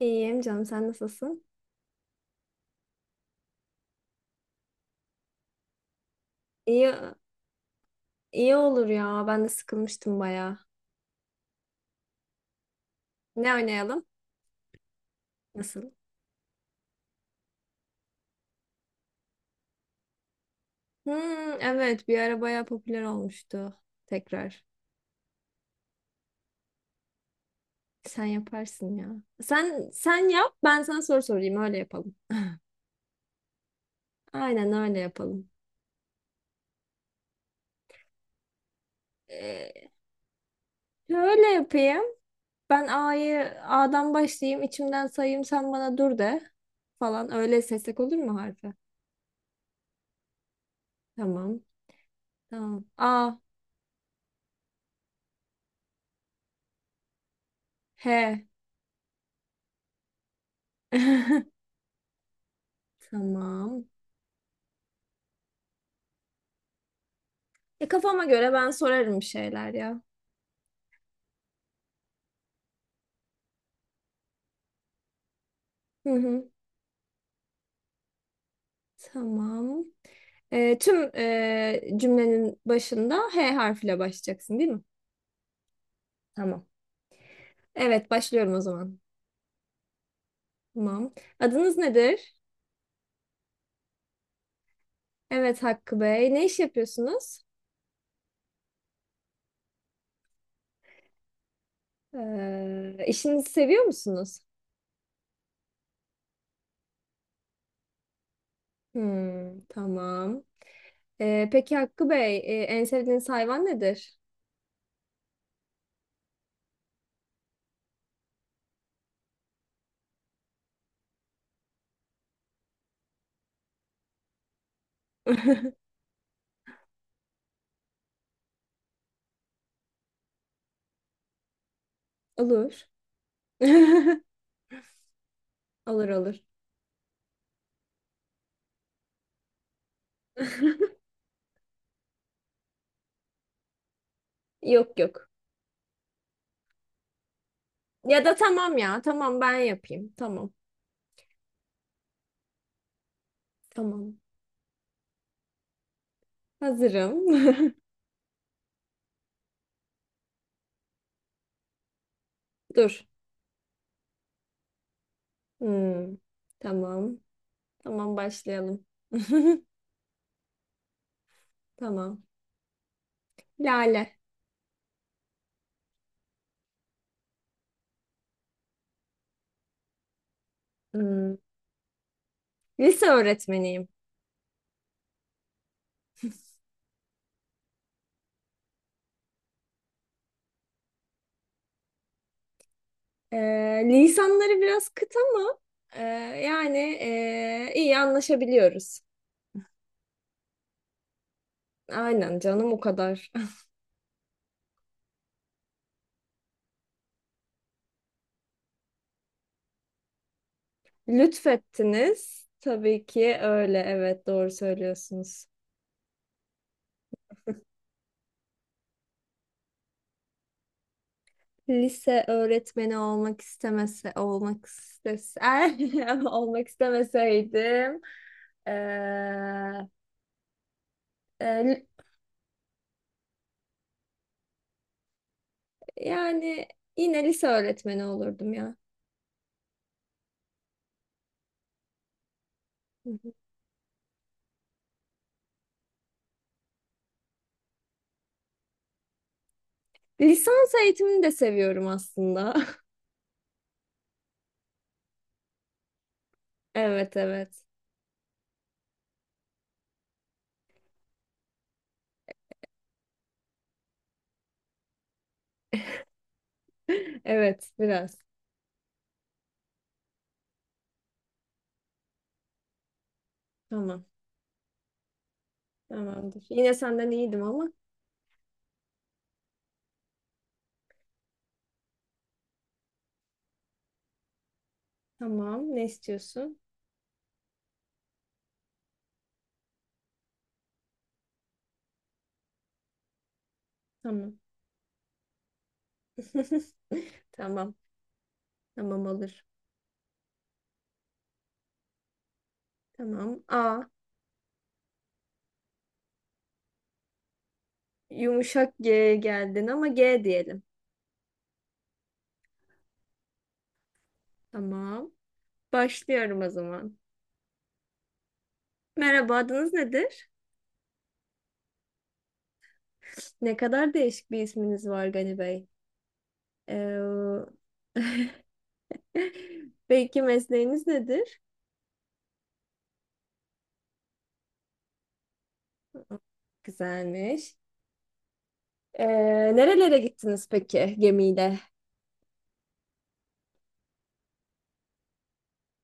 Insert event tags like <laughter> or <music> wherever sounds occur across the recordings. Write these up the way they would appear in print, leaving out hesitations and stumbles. İyiyim canım, sen nasılsın? İyi, iyi olur ya, ben de sıkılmıştım bayağı. Ne oynayalım? Nasıl? Hmm, evet bir ara bayağı popüler olmuştu tekrar. Sen yaparsın ya. Sen yap, ben sana soru sorayım, öyle yapalım. Aynen öyle yapalım. Ee, Şöyle yapayım. Ben A'yı A'dan başlayayım, içimden sayayım, sen bana dur de falan, öyle seslek olur mu harfi? Tamam. Tamam. A. H. <laughs> Tamam. E, kafama göre ben sorarım bir şeyler ya. Hı hı. Tamam. E, tüm cümlenin başında H harfiyle başlayacaksın değil mi? Tamam. Evet, başlıyorum o zaman. Tamam. Adınız nedir? Evet Hakkı Bey. Ne iş yapıyorsunuz? E, işinizi seviyor musunuz? Hmm, tamam. E, peki Hakkı Bey, en sevdiğiniz hayvan nedir? <laughs> Olur. <laughs> Olur olur. <laughs> Yok yok. Ya da tamam ya. Tamam, ben yapayım. Tamam. Tamam. Hazırım. <laughs> Dur. Hmm. Tamam. Tamam, başlayalım. <laughs> Tamam. Lale. Hmm. Lise öğretmeniyim. Ee, Lisanları biraz kıt ama e, yani, iyi anlaşabiliyoruz. Aynen canım, o kadar. <laughs> Lütfettiniz. Tabii ki öyle. Evet, doğru söylüyorsunuz. Lise öğretmeni olmak istemese olmak istese <laughs> olmak istemeseydim eee, e, yani yine lise öğretmeni olurdum ya. Hı hı. Lisans eğitimini de seviyorum aslında. <laughs> Evet evet. <laughs> Evet, biraz. Tamam. Tamamdır. Yine senden iyiydim ama. Tamam. Ne istiyorsun? Tamam. <laughs> Tamam. Tamam olur. Tamam. A. Yumuşak G geldin ama G diyelim. Tamam. Başlıyorum o zaman. Merhaba, adınız nedir? Ne kadar değişik bir isminiz var Gani Bey. Ee, <laughs> peki mesleğiniz nedir? Güzelmiş. Ee, Nerelere gittiniz peki gemiyle?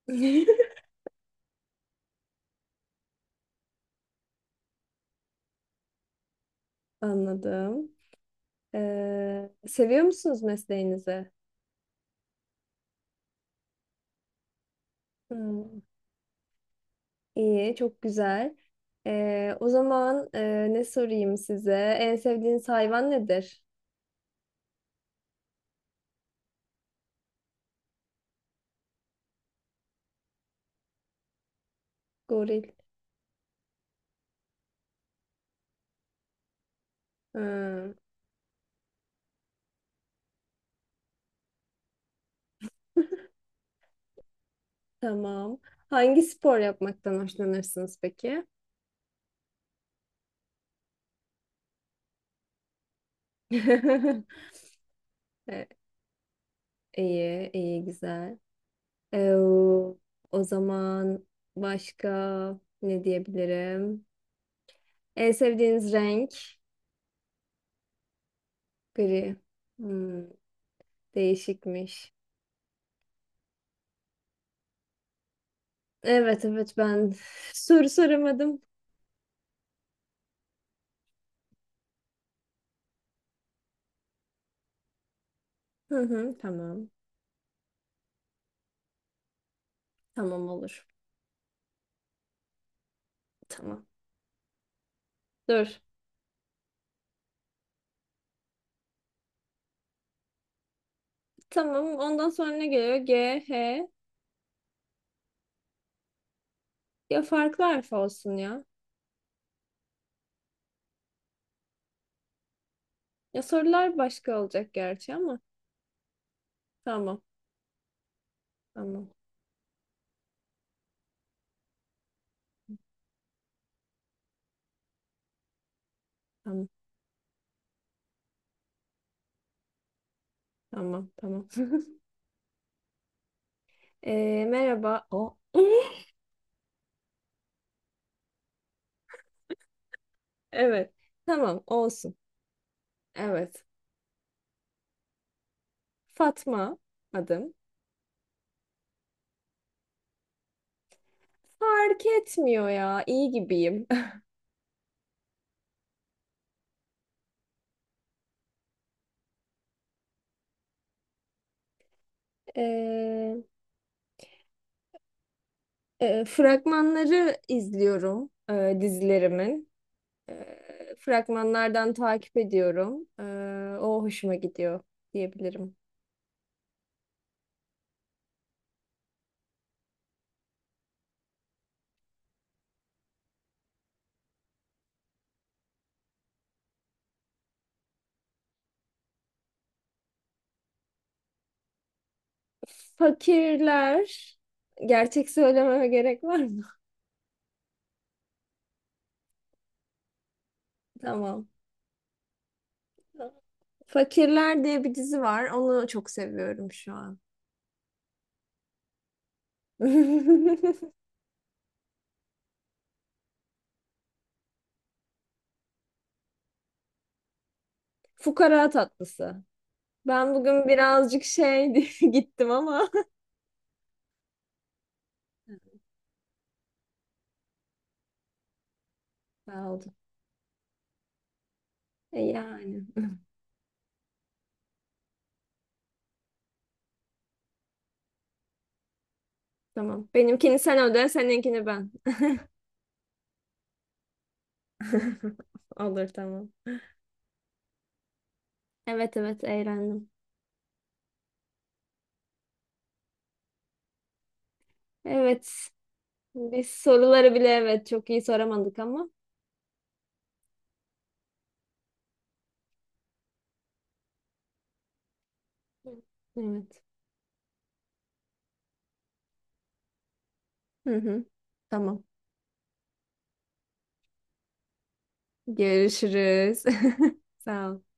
<laughs> Anladım. Seviyor musunuz mesleğinizi? Hmm, iyi, çok güzel. O zaman, ne sorayım size? En sevdiğiniz hayvan nedir? Goril. Hmm. Tamam. Hangi spor yapmaktan hoşlanırsınız peki? <laughs> E, İyi, iyi, güzel. Ee, O zaman başka ne diyebilirim? En sevdiğiniz renk gri. Hmm, değişikmiş. Evet, evet ben <laughs> soru soramadım. Hı hı, tamam. Tamam olur. Tamam. Dur. Tamam. Ondan sonra ne geliyor? G, H. Ya farklı harf olsun ya. Ya sorular başka olacak gerçi ama. Tamam. Tamam. Tamam. Tamam. Tamam. <laughs> Merhaba. O. <laughs> Evet. Tamam. Olsun. Evet. Fatma adım. Fark etmiyor ya. İyi gibiyim. <laughs> Ee, Fragmanları izliyorum, dizilerimin. Fragmanlardan takip ediyorum. O hoşuma gidiyor diyebilirim. Fakirler. Gerçek söylememe gerek var mı? <laughs> Tamam. Fakirler diye bir dizi var. Onu çok seviyorum şu an. <laughs> Fukara tatlısı. Ben bugün birazcık şey <laughs> diye gittim ama. Sağ olun. E yani. Tamam. Benimkini sen öde, seninkini ben. <laughs> Olur tamam. Evet evet, eğlendim. Evet. Biz soruları bile evet çok iyi soramadık ama. Evet. Hı hı. Tamam. Görüşürüz. <laughs> Sağ ol.